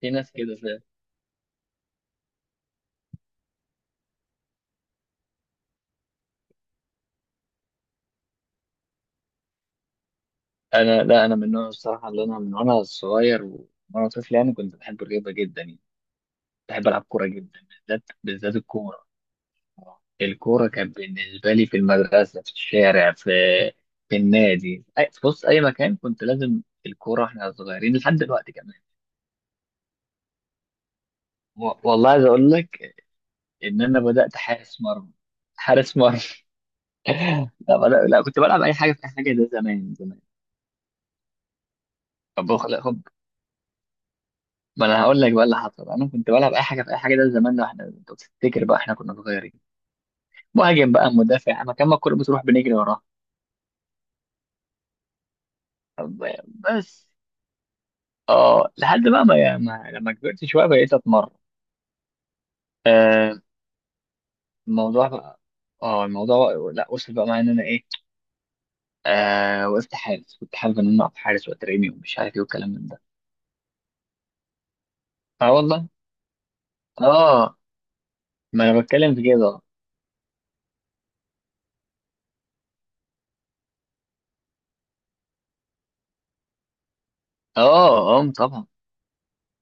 في ناس كده فعلا. انا لا انا من النوع الصراحه، اللي انا من وانا صغير وانا طفل، يعني كنت بحب الرياضه جدا يعني. بحب العب كوره جدا، بالذات الكوره. الكوره كانت بالنسبه لي في المدرسه، في الشارع، في النادي. بص اي مكان كنت لازم الكوره، احنا صغيرين لحد دلوقتي كمان. والله عايز اقول لك ان انا بدات حارس مرمى. لا كنت بلعب اي حاجه في اي حاجه، ده زمان. طب ما انا هقول لك بقى اللي حصل، انا كنت بلعب اي حاجه في اي حاجه، ده زمان، ده احنا انت تفتكر بقى احنا كنا صغيرين. مهاجم بقى، مدافع، مكان ما الكوره بتروح بنجري وراها. طب بس اه لحد بقى ما لما كبرت شويه بقيت اتمرن. آه الموضوع بقى، اه الموضوع لا وصل بقى معايا ان انا ايه، آه وقفت حارس، كنت حابب ان انا اقف حارس واترمي ومش عارف ايه والكلام من ده. اه والله. اه ما انا بتكلم في كده. اه اه طبعا.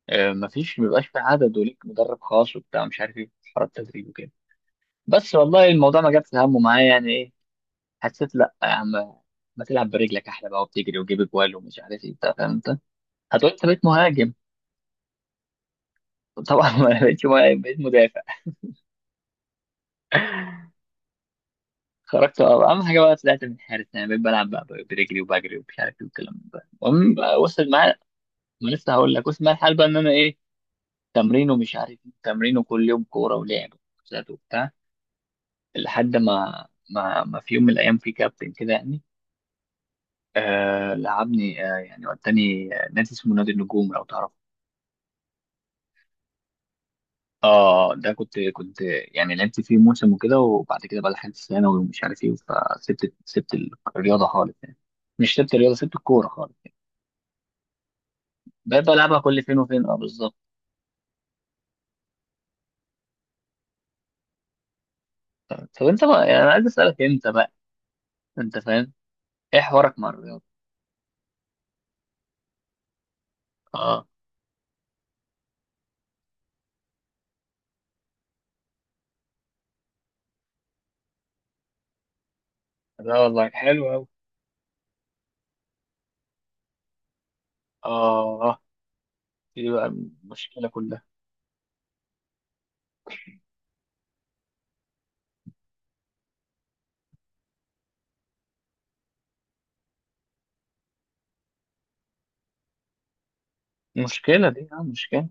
آه مفيش مبيبقاش في عدد، وليك مدرب خاص وبتاع مش عارف ايه حوار التدريب وكده. بس والله الموضوع ما جابش همه معايا يعني ايه، حسيت لا يا عم ما تلعب برجلك احلى بقى، وبتجري وتجيب اجوال ومش عارف ايه، انت فاهم. انت هتقول انت بقيت مهاجم. طبعا ما بقيتش مهاجم، بقيت مدافع. خرجت بقى. اهم حاجه بقى طلعت من حارس، يعني بقيت بلعب بقى برجلي وبجري ومش عارف ايه والكلام ده. المهم بقى وصل معايا. ما لسه هقول لك، وصل معايا الحال بقى ان انا ايه، تمرين ومش عارف ايه، تمرين وكل يوم كوره ولعب وكوتشات وبتاع. لحد ما ما في يوم من الايام في كابتن كده يعني، آه لعبني آه يعني وداني آه، نادي اسمه نادي النجوم لو تعرف. اه ده كنت يعني لعبت فيه موسم وكده، وبعد كده بقى دخلت ثانوي ومش عارف ايه، فسبت الرياضه خالص يعني. مش سبت الرياضه، سبت الكوره خالص يعني. بقيت بلعبها كل فين وفين، اه بالظبط. طب انت بقى يعني انا عايز اسالك انت بقى، انت فاهم، ايه حوارك مع الرياضه. اه لا والله حلو قوي. اه دي بقى المشكله كلها. المشكله دي اه مشكله،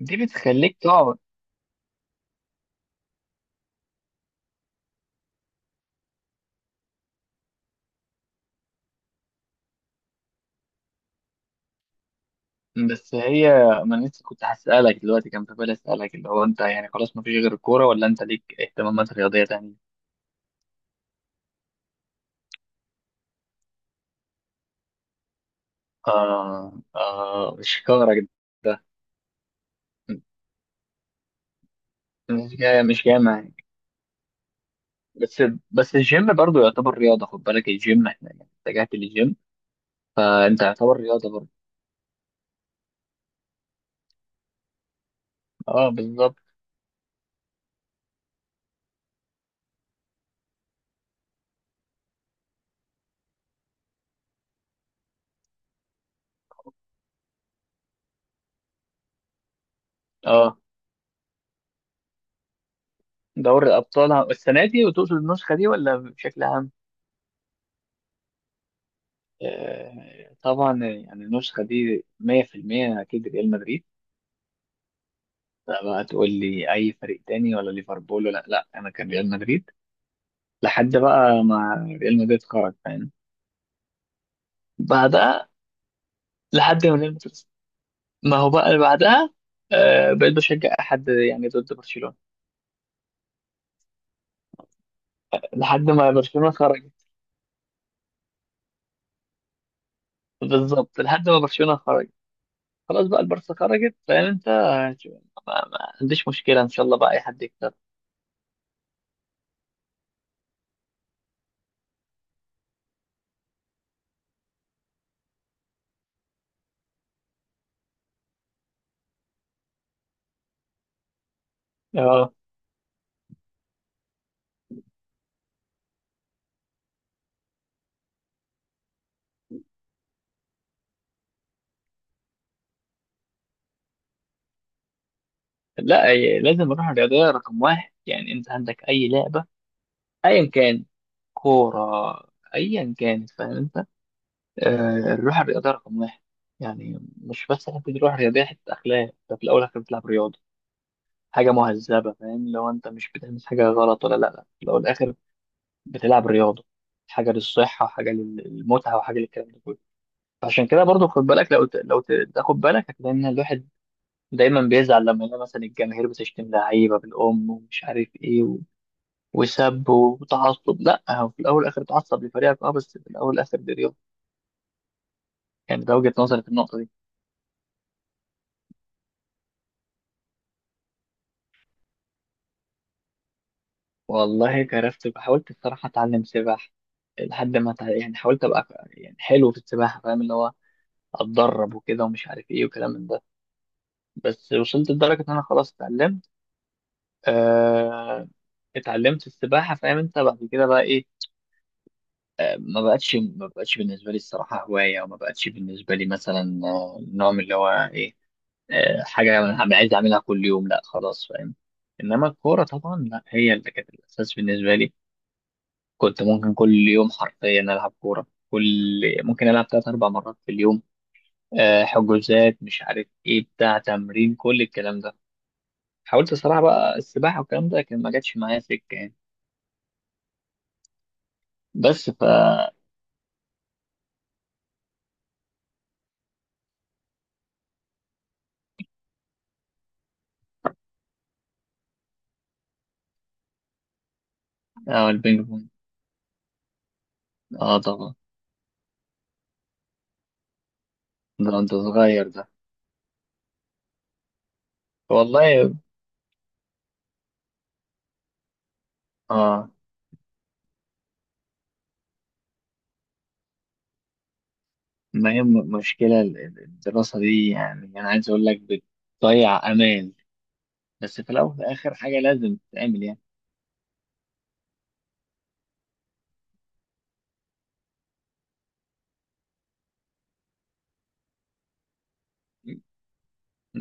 دي بتخليك تقعد. بس هي، ما أنا لسه كنت هسألك دلوقتي، كان في بالي أسألك اللي هو أنت يعني خلاص ما فيش غير الكورة، ولا أنت ليك اهتمامات رياضية تانية؟ آه آه شكارك ده، مش جاي معاك. بس بس الجيم برضو يعتبر رياضة، خد بالك الجيم، احنا يعني اتجهت للجيم، فأنت يعتبر رياضة برضو. اه بالظبط. اه دوري الأبطال السنة دي، وتقصد النسخة دي ولا بشكل عام؟ آه طبعا يعني النسخة دي 100% أكيد ريال مدريد. لا بقى تقول لي اي فريق تاني، ولا ليفربول ولا لا، انا كان ريال مدريد لحد بقى ما ريال مدريد خرج فاهم، بعدها لحد ما ريال مدريد، ما هو بقى اللي بعدها آه بقيت بشجع احد يعني ضد برشلونة، لحد ما برشلونة خرجت. بالظبط لحد ما برشلونة خرجت، خلاص بقى البارسا خرجت فاهم انت، ما عنديش مشكلة، ان شاء الله بقى اي حد يكسب. اه لا لازم نروح الرياضية رقم واحد، يعني انت عندك اي لعبة ايا كان، كورة ايا كانت فاهم انت، آه، الروح الرياضية رقم واحد. يعني مش بس حتة الروح الرياضية، حتة أخلاق. أنت في الأول والآخر بتلعب رياضة، حاجة مهذبة فاهم، لو أنت مش بتعمل حاجة غلط ولا لأ، في الأول والآخر بتلعب رياضة، حاجة للصحة وحاجة للمتعة، وحاجة للكلام ده كله. عشان كده برضو خد بالك، لو تاخد بالك هتلاقي إن الواحد دايما بيزعل لما يلاقي مثلا الجماهير بتشتم لعيبة بالأم ومش عارف إيه و... وسب وتعصب، لأ هو في الأول والآخر تعصب لفريقك أه، بس في الأول والآخر دي رياضة يعني. ده وجهة نظري في النقطة دي. والله جربت، حاولت الصراحة أتعلم سباحة لحد ما يعني حاولت أبقى يعني حلو في السباحة فاهم، اللي هو أتدرب وكده ومش عارف إيه وكلام من ده، بس وصلت لدرجة إن أنا خلاص اتعلمت، آه... اتعلمت السباحة فاهم أنت. بعد كده بقى إيه، آه... ما بقتش بالنسبة لي الصراحة هواية، وما بقتش بالنسبة لي مثلا آه، نوع من اللي هو إيه، آه... حاجة أنا عايز أعملها كل يوم، لا خلاص فاهم. إنما الكورة طبعا لا هي اللي كانت الأساس بالنسبة لي. كنت ممكن كل يوم حرفيا ألعب كورة كل، ممكن ألعب تلات أربع مرات في اليوم، آه، حجوزات مش عارف إيه بتاع تمرين كل الكلام ده. حاولت الصراحة بقى السباحة والكلام ده، لكن ما جاتش معايا سكة يعني. بس ف اه البينج بونج. اه طبعا. ده انت صغير ده. والله اه. ما هي مشكلة الدراسة دي، يعني أنا عايز أقول لك بتضيع أمان، بس في الأول وفي الآخر حاجة لازم تتعمل يعني.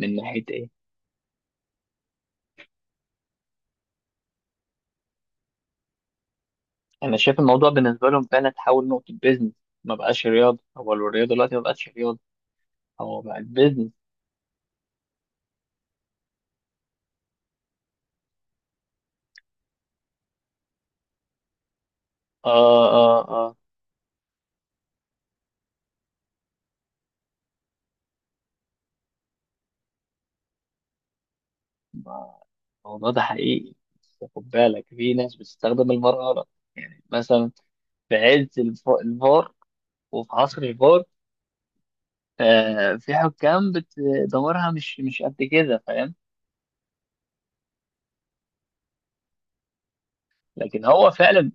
من ناحية إيه؟ انا شايف الموضوع بالنسبه لهم فعلا تحول نقطه بيزنس. ما بقاش رياضه، هو الرياضه دلوقتي ما بقتش رياضه، هو بقت بيزنس. اه اه اه. ما- الموضوع ده حقيقي، بس خد بالك في ناس بتستخدم المرأة غلط. يعني مثلا في عز الفار وفي عصر الفار، آه في حكام دمارها مش مش قد كده فاهم. لكن هو فعلا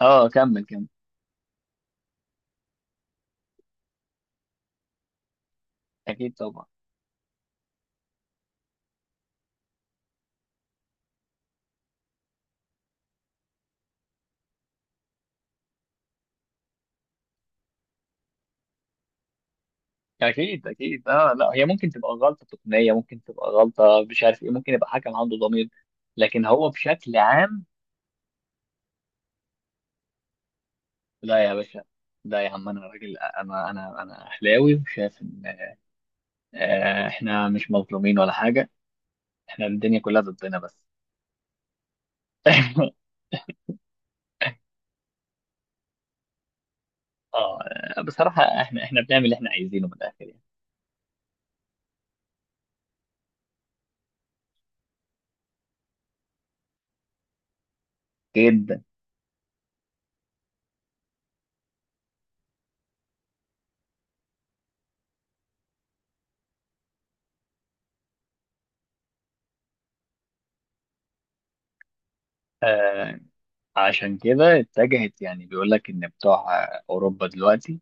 اه، كمل كمل. اكيد طبعا. اكيد اكيد اه، لا هي ممكن تبقى غلطه تقنيه، ممكن تبقى غلطه مش عارف ايه، ممكن يبقى حكم عنده ضمير، لكن هو بشكل عام. لا يا باشا، لا يا عم، انا راجل، انا اهلاوي، وشايف ان آه، احنا مش مظلومين ولا حاجه، احنا الدنيا كلها ضدنا بس. اه بصراحه احنا بنعمل اللي احنا عايزينه من الاخر يعني. جدا آه. عشان كده اتجهت، يعني بيقول لك ان بتوع آه، اوروبا دلوقتي،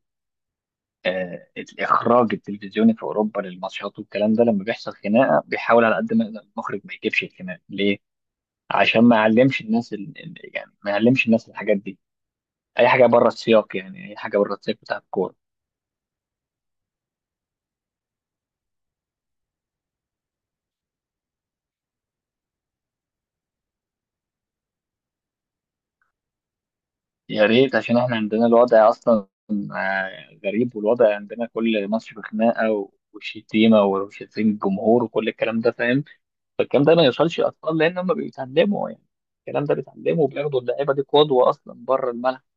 آه، الاخراج التلفزيوني في اوروبا للماتشات والكلام ده، لما بيحصل خناقه بيحاول على قد ما يقدر المخرج ما يجيبش الخناقه. ليه؟ عشان ما يعلمش الناس يعني ما يعلمش الناس الحاجات دي، اي حاجه بره السياق، يعني اي حاجه بره السياق بتاع الكوره. يا ريت، عشان احنا عندنا الوضع اصلا آه، غريب، والوضع عندنا كل ماتش بخناقه و... وشتيمه وشتيم الجمهور وكل الكلام ده فاهم. فالكلام ده ما يوصلش للاطفال، لان هم بيتعلموا يعني، الكلام ده بيتعلموا، وبياخدوا اللعيبه دي قدوه اصلا بره الملعب.